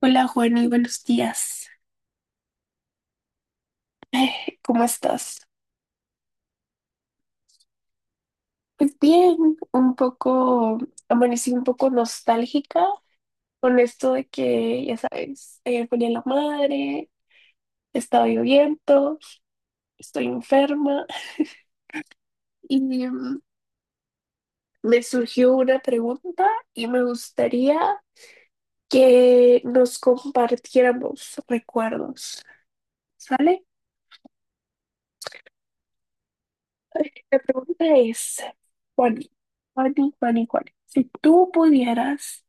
Hola Juani, buenos días. ¿Cómo estás? Pues bien, un poco, amanecí un poco nostálgica con esto de que, ya sabes, ayer ponía la madre, estaba lloviendo, estoy enferma y mm, me surgió una pregunta y me gustaría que nos compartiéramos recuerdos, ¿sale? La pregunta es, Juani, Juani, si tú pudieras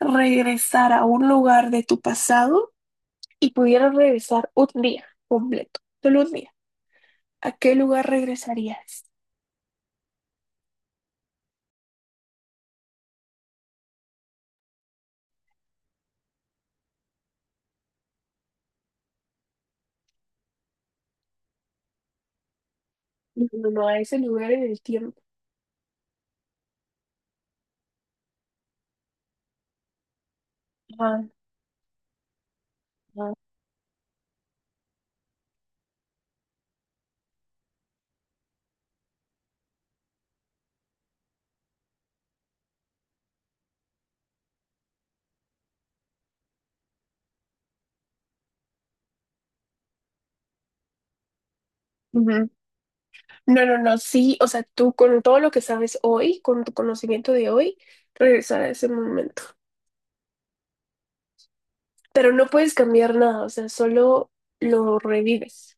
regresar a un lugar de tu pasado y pudieras regresar un día completo, solo un día, ¿a qué lugar regresarías? No, no, no, a ese lugar en el tiempo. Ajá, ajá. Ujú. No, no, no, sí, o sea, tú con todo lo que sabes hoy, con tu conocimiento de hoy, regresar a ese momento. Pero no puedes cambiar nada, o sea, solo lo revives.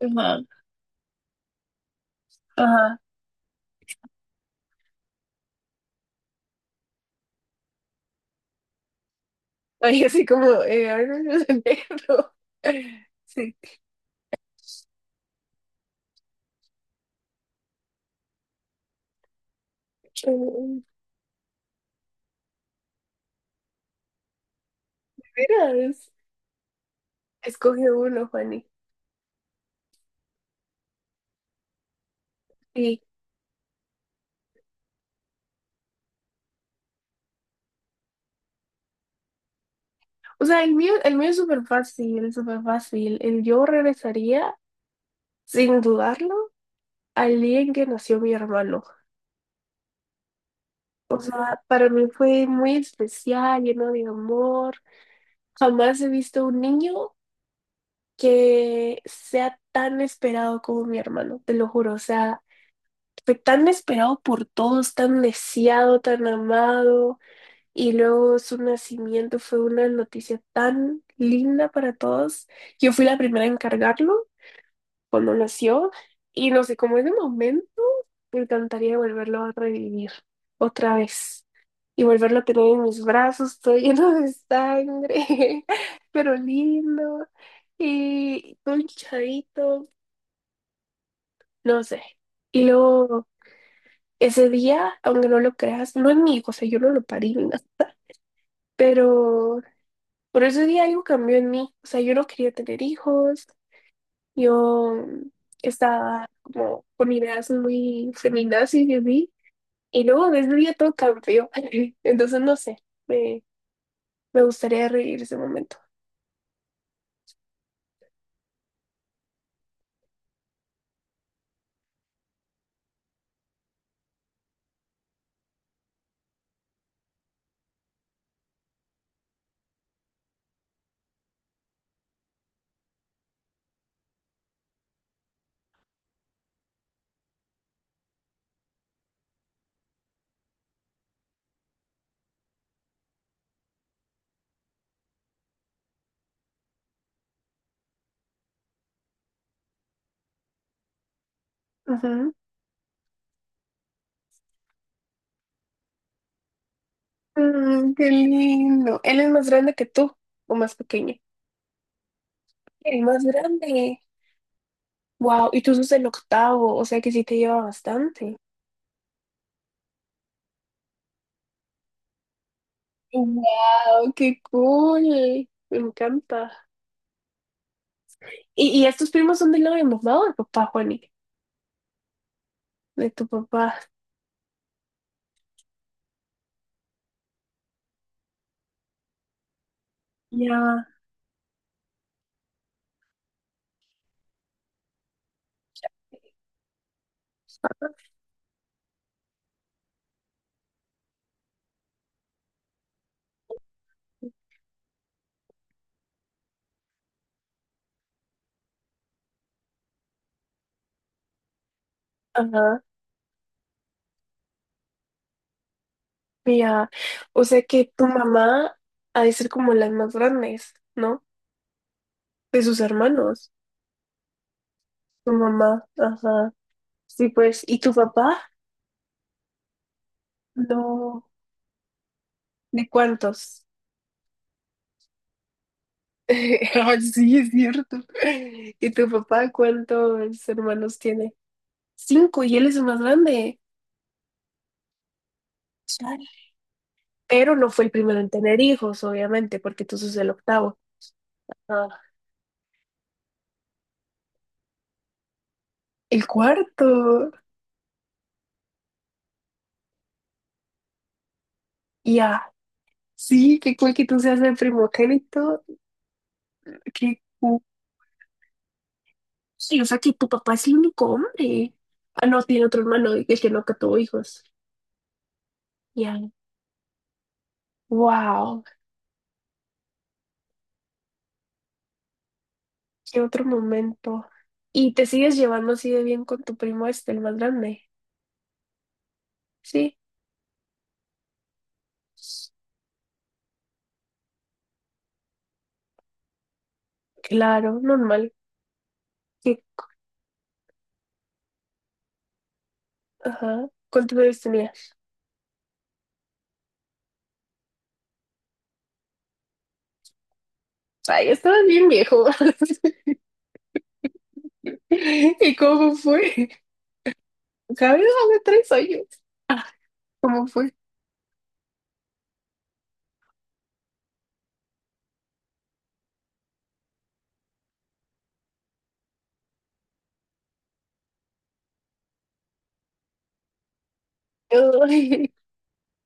Ajá, ajá. Ay, así como, a ver, negro. Sí. Mm, Mira, escoge uno, Juani. Sí. O sea, el mío es súper fácil, súper fácil. El yo regresaría, sin dudarlo, al día en que nació mi hermano. Para mí fue muy especial, lleno de amor. Jamás he visto un niño que sea tan esperado como mi hermano, te lo juro. O sea, fue tan esperado por todos, tan deseado, tan amado, y luego su nacimiento fue una noticia tan linda para todos. Yo fui la primera en cargarlo cuando nació, y no sé, como ese momento, me encantaría volverlo a revivir otra vez. Y volverlo a tener en mis brazos, todo lleno de sangre, pero lindo, y todo hinchadito, no sé. Y luego ese día, aunque no lo creas, no es mi hijo, o sea, yo no lo parí ni nada, pero por ese día algo cambió en mí, o sea, yo no quería tener hijos, yo estaba como con ideas muy feminazis de mí, y luego desde ese día todo cambió, entonces no sé, me, me gustaría revivir ese momento. Ujú. Mm, qué lindo. ¿Él es más grande que tú o más pequeño? El más grande. Wow, y tú sos el octavo, o sea que sí te lleva bastante. Wow, qué cool. Me encanta. ¿Y estos primos son del lado de mamá o de papá, Juani? De tu papá. Ya. Ajá. Ya. O sea que tu mamá ha de ser como las más grandes, ¿no? De sus hermanos. Tu mamá. Ajá. Sí, pues. ¿Y tu papá? No. ¿De cuántos? Ah, sí, es cierto. ¿Y tu papá cuántos hermanos tiene? Cinco, y él es el más grande. Pero no fue el primero en tener hijos, obviamente, porque tú sos el octavo. Ah, el cuarto. Ya, sí, qué cool que tú seas el primogénito. Qué cool. Sí, o sea que tu papá es el único hombre. Ah, no, tiene otro hermano, el que no que tuvo hijos. Ya, wow, qué otro momento. ¿Y te sigues llevando así de bien con tu primo este, el más grande? Sí, claro, normal. Sí, ajá. ¿Cuántos años tenías? Ay, estabas bien viejo. ¿Y cómo fue? ¿Sabes dónde tres años? Ah, ¿cómo fue? Ay,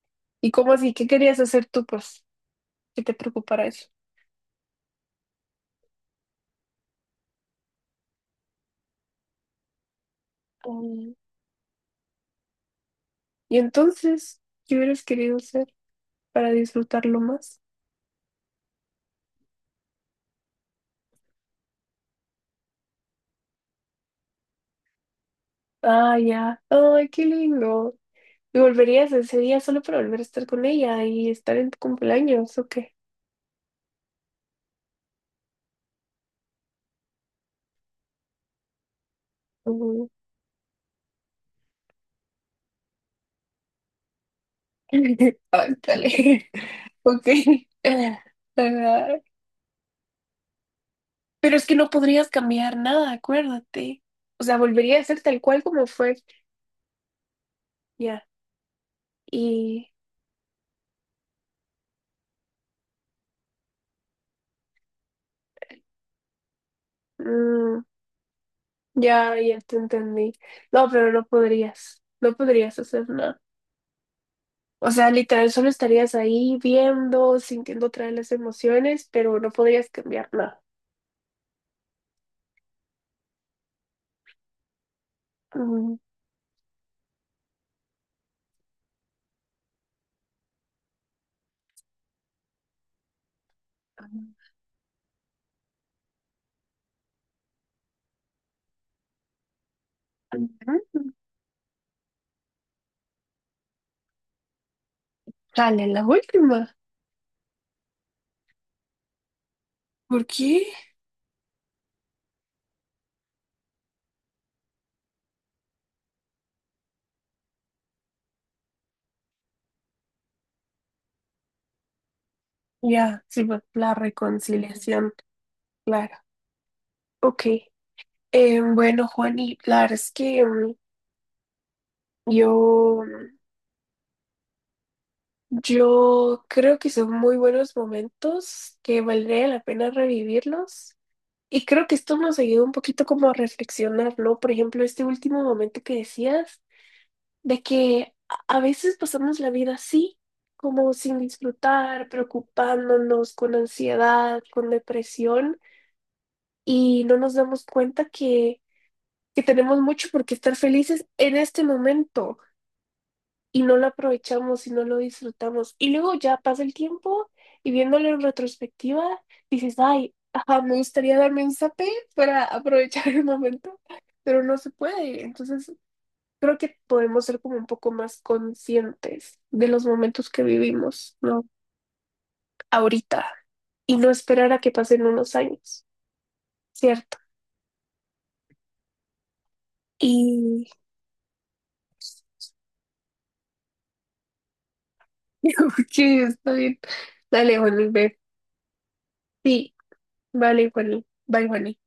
¿Y cómo así? ¿Qué querías hacer tú, pues? ¿Qué te preocupara eso? Mm, Y entonces, ¿qué hubieras querido hacer para disfrutarlo más? Ah, ya. Ay, qué lindo. ¿Y volverías ese día solo para volver a estar con ella y estar en tu cumpleaños o qué? Mm. Ay, dale. Ok. Ah, pero es que no podrías cambiar nada, acuérdate. O sea, volvería a ser tal cual como fue. Ya. Y mm, ya, ya te entendí. No, pero no podrías. No podrías hacer nada. O sea, literal, solo estarías ahí viendo, sintiendo otra vez las emociones, pero no podrías cambiar nada. Mm, mm, dale, la última. ¿Por qué? Ya, sí, va, la reconciliación, claro. Ok. Bueno, Juani, la verdad es que Yo, yo creo que son muy buenos momentos que valdría la pena revivirlos. Y creo que esto nos ayuda un poquito como a reflexionar, ¿no? Por ejemplo, este último momento que decías, de que a veces pasamos la vida así, como sin disfrutar, preocupándonos, con ansiedad, con depresión, y no nos damos cuenta que tenemos mucho por qué estar felices en este momento. Y no lo aprovechamos y no lo disfrutamos. Y luego ya pasa el tiempo y viéndolo en retrospectiva, dices, ay, ajá, me gustaría darme un zape para aprovechar el momento, pero no se puede. Entonces, creo que podemos ser como un poco más conscientes de los momentos que vivimos, ¿no? Ahorita y no esperar a que pasen unos años, ¿cierto? Y sí, está bien. Dale, Juaní, ve. Sí, vale, Juaní. Bye, Juaní.